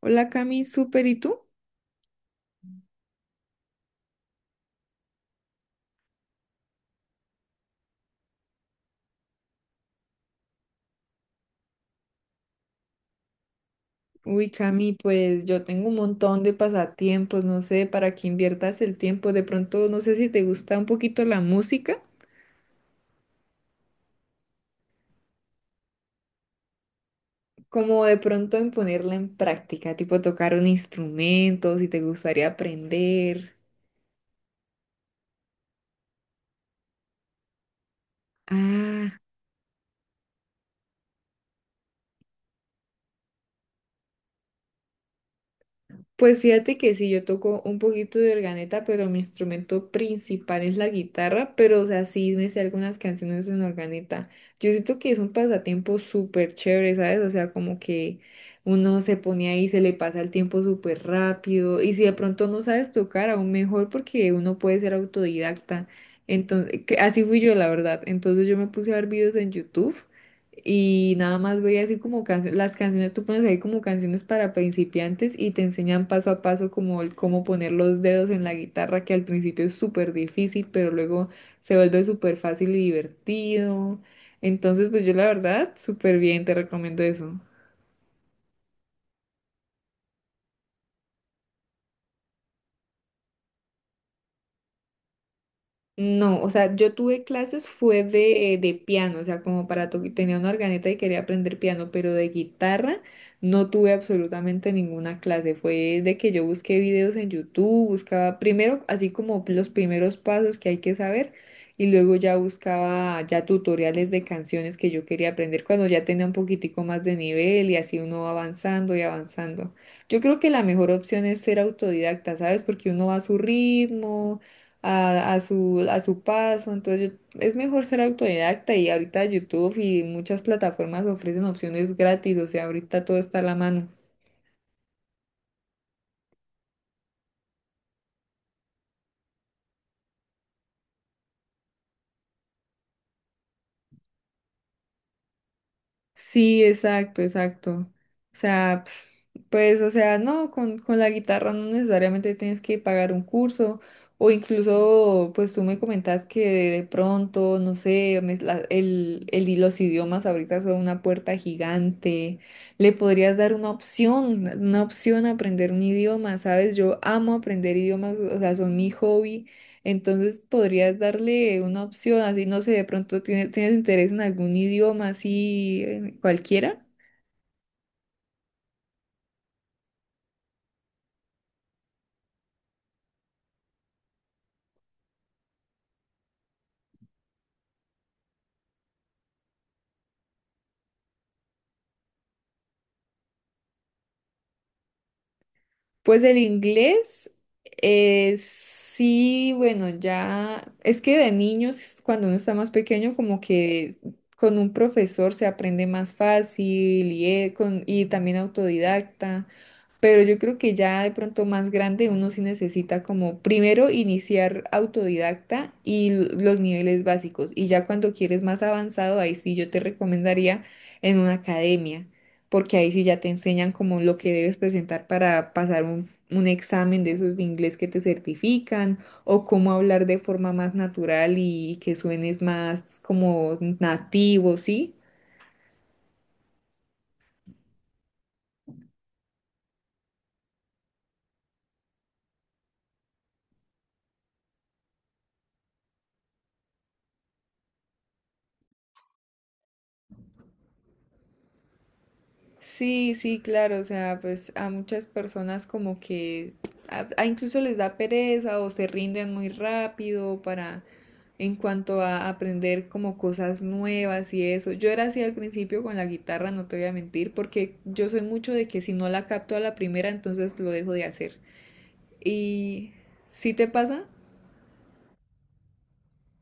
Hola Cami, súper, ¿y tú? Uy, Cami, pues yo tengo un montón de pasatiempos, no sé para qué inviertas el tiempo. De pronto, no sé si te gusta un poquito la música, como de pronto en ponerla en práctica, tipo tocar un instrumento, si te gustaría aprender. Ah. Pues fíjate que sí, yo toco un poquito de organeta, pero mi instrumento principal es la guitarra, pero o sea, sí me sé algunas canciones en organeta. Yo siento que es un pasatiempo súper chévere, ¿sabes? O sea, como que uno se pone ahí, se le pasa el tiempo súper rápido, y si de pronto no sabes tocar, aún mejor porque uno puede ser autodidacta. Entonces, así fui yo, la verdad. Entonces yo me puse a ver videos en YouTube y nada más veía así como canciones, las canciones tú pones ahí como canciones para principiantes y te enseñan paso a paso como el cómo poner los dedos en la guitarra, que al principio es súper difícil, pero luego se vuelve súper fácil y divertido. Entonces, pues yo la verdad, súper bien, te recomiendo eso. No, o sea, yo tuve clases fue de piano, o sea, como para tocar, tenía una organeta y quería aprender piano, pero de guitarra no tuve absolutamente ninguna clase. Fue de que yo busqué videos en YouTube, buscaba primero así como los primeros pasos que hay que saber y luego ya buscaba ya tutoriales de canciones que yo quería aprender cuando ya tenía un poquitico más de nivel y así uno va avanzando y avanzando. Yo creo que la mejor opción es ser autodidacta, ¿sabes? Porque uno va a su ritmo a su paso. Entonces es mejor ser autodidacta y ahorita YouTube y muchas plataformas ofrecen opciones gratis, o sea, ahorita todo está a la mano. Sí, exacto, exacto. O sea, pues, o sea, no, con la guitarra no necesariamente tienes que pagar un curso o incluso, pues tú me comentas que de pronto, no sé, los idiomas ahorita son una puerta gigante. Le podrías dar una opción a aprender un idioma, ¿sabes? Yo amo aprender idiomas, o sea, son mi hobby. Entonces podrías darle una opción, así no sé, de pronto tienes interés en algún idioma así cualquiera. Pues el inglés, sí, bueno, ya es que de niños, es cuando uno está más pequeño, como que con un profesor se aprende más fácil y también autodidacta. Pero yo creo que ya de pronto más grande uno sí necesita como primero iniciar autodidacta y los niveles básicos. Y ya cuando quieres más avanzado, ahí sí yo te recomendaría en una academia, porque ahí sí ya te enseñan como lo que debes presentar para pasar un examen de esos de inglés que te certifican o cómo hablar de forma más natural y que suenes más como nativo, ¿sí? Sí, sí, claro, o sea, pues a muchas personas como que a incluso les da pereza o se rinden muy rápido para en cuanto a aprender como cosas nuevas y eso. Yo era así al principio con la guitarra, no te voy a mentir, porque yo soy mucho de que si no la capto a la primera, entonces lo dejo de hacer. ¿Y si te pasa?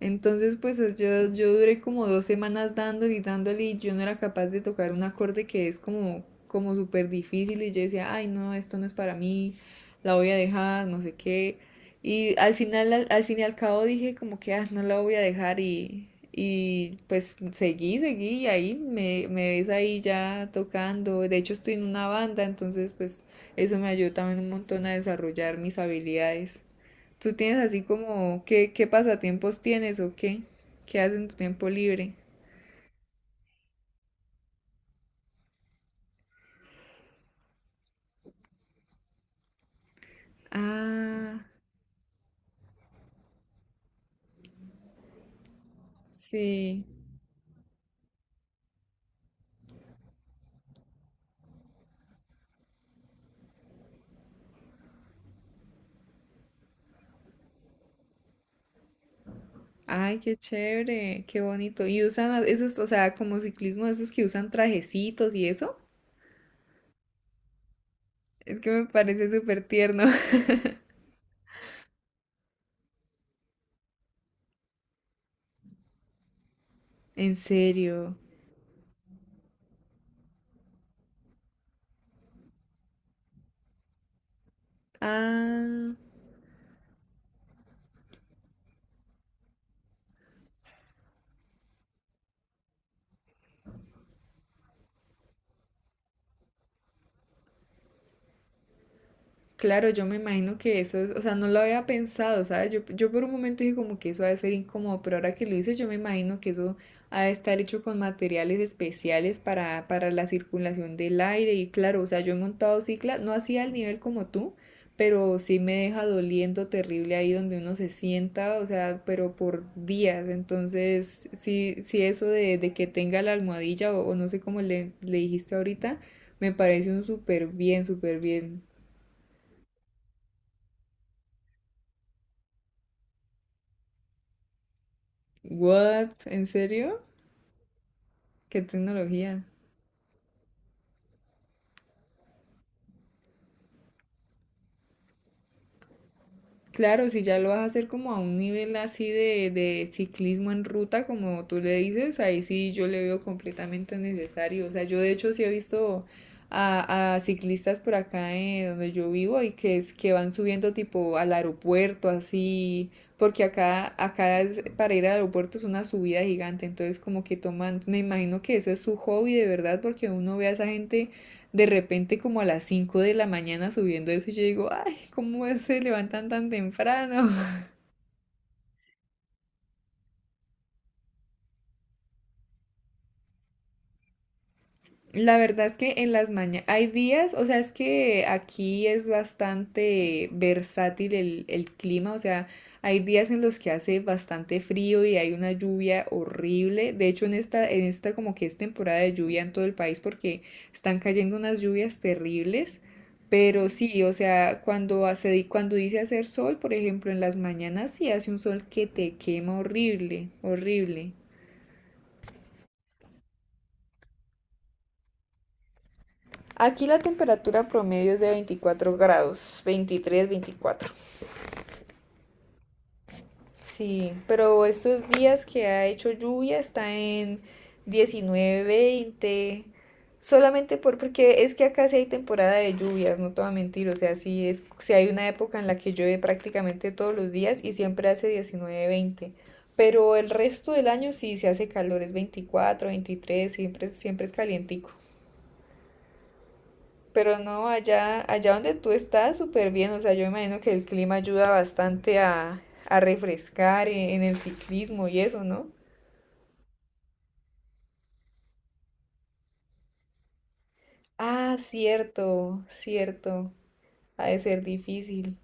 Entonces, pues yo duré como 2 semanas dándole y dándole y yo no era capaz de tocar un acorde que es como súper difícil y yo decía, ay no, esto no es para mí, la voy a dejar, no sé qué. Y al final, al fin y al cabo dije como que, ah, no la voy a dejar y pues seguí, seguí y ahí me ves ahí ya tocando. De hecho, estoy en una banda, entonces pues eso me ayudó también un montón a desarrollar mis habilidades. ¿Tú tienes así como qué pasatiempos tienes o qué? ¿Qué haces en tu tiempo libre? Ah, sí. Ay, qué chévere, qué bonito. Y usan esos, o sea, como ciclismo, esos que usan trajecitos y eso. Es que me parece súper tierno. En serio. Ah, claro, yo me imagino que eso es, o sea, no lo había pensado, ¿sabes? Yo por un momento dije como que eso ha de ser incómodo, pero ahora que lo dices, yo me imagino que eso ha de estar hecho con materiales especiales para la circulación del aire y claro, o sea, yo he montado cicla, no así al nivel como tú, pero sí me deja doliendo terrible ahí donde uno se sienta, o sea, pero por días, entonces, sí, sí eso de que tenga la almohadilla o no sé cómo le dijiste ahorita, me parece un súper bien, súper bien. What? ¿En serio? ¿Qué tecnología? Claro, si ya lo vas a hacer como a un nivel así de ciclismo en ruta, como tú le dices, ahí sí yo le veo completamente necesario. O sea, yo de hecho sí he visto a ciclistas por acá donde yo vivo y que es que van subiendo tipo al aeropuerto, así, porque acá para ir al aeropuerto es una subida gigante, entonces como que toman, me imagino que eso es su hobby de verdad, porque uno ve a esa gente de repente como a las 5 de la mañana subiendo eso y yo digo, ¿cómo se levantan tan temprano? La verdad es que en las mañanas hay días, o sea, es que aquí es bastante versátil el clima, o sea, hay días en los que hace bastante frío y hay una lluvia horrible. De hecho, en esta como que es temporada de lluvia en todo el país porque están cayendo unas lluvias terribles. Pero sí, o sea, cuando dice hacer sol, por ejemplo, en las mañanas sí hace un sol que te quema horrible, horrible. Aquí la temperatura promedio es de 24 grados, 23, 24. Sí, pero estos días que ha hecho lluvia está en 19, 20. Solamente porque es que acá sí hay temporada de lluvias, no te voy a mentir. O sea, sí, es, sí hay una época en la que llueve prácticamente todos los días y siempre hace 19, 20. Pero el resto del año sí se hace calor, es 24, 23, siempre, siempre es calientico. Pero no, allá, allá donde tú estás, súper bien. O sea, yo me imagino que el clima ayuda bastante a refrescar en el ciclismo y eso, ¿no? Ah, cierto, cierto. Ha de ser difícil.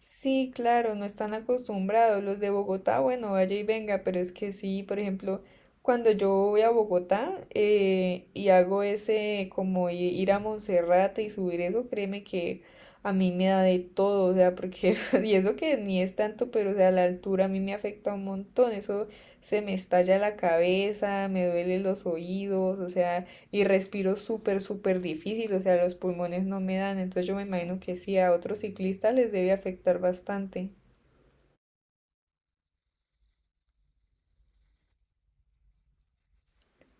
Sí, claro, no están acostumbrados. Los de Bogotá, bueno, vaya y venga, pero es que sí, por ejemplo, cuando yo voy a Bogotá y hago ese como ir a Monserrate y subir eso, créeme que a mí me da de todo, o sea, porque, y eso que ni es tanto, pero o sea, la altura a mí me afecta un montón, eso se me estalla la cabeza, me duelen los oídos, o sea y respiro súper, súper difícil, o sea, los pulmones no me dan, entonces yo me imagino que sí, a otros ciclistas les debe afectar bastante.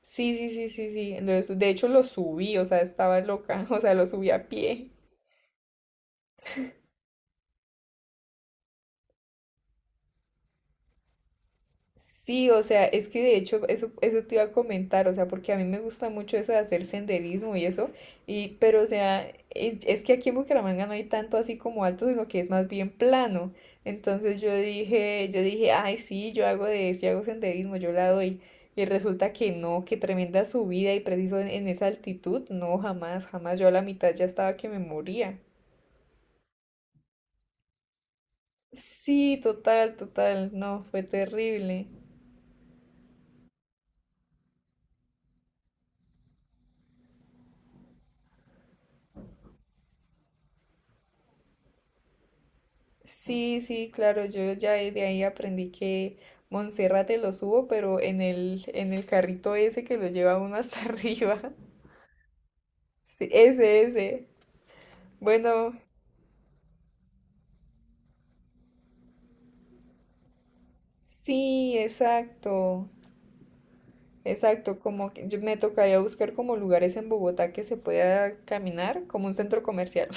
Sí, sí, sí, sí, sí, lo de de hecho lo subí, o sea, estaba loca, o sea, lo subí a pie. Sí, o sea, es que de hecho eso te iba a comentar, o sea, porque a mí me gusta mucho eso de hacer senderismo y eso, pero o sea, es que aquí en Bucaramanga no hay tanto así como alto, sino que es más bien plano. Entonces yo dije, ay, sí, yo hago de eso, yo hago senderismo, yo la doy. Y resulta que no, que tremenda subida y preciso en esa altitud, no, jamás, jamás, yo a la mitad ya estaba que me moría. Sí, total, total, no, fue terrible. Sí, sí, claro, yo ya de ahí aprendí que Monserrate lo subo, pero en el carrito ese que lo lleva uno hasta arriba. Sí, ese, ese. Bueno, sí, exacto, exacto, como que yo me tocaría buscar como lugares en Bogotá que se pueda caminar, como un centro comercial.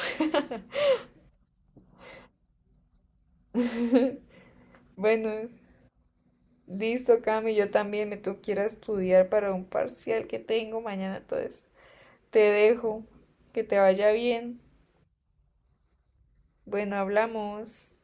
Bueno, listo, Cami, yo también me tengo que ir a estudiar para un parcial que tengo mañana, entonces te dejo, que te vaya bien. Bueno, hablamos.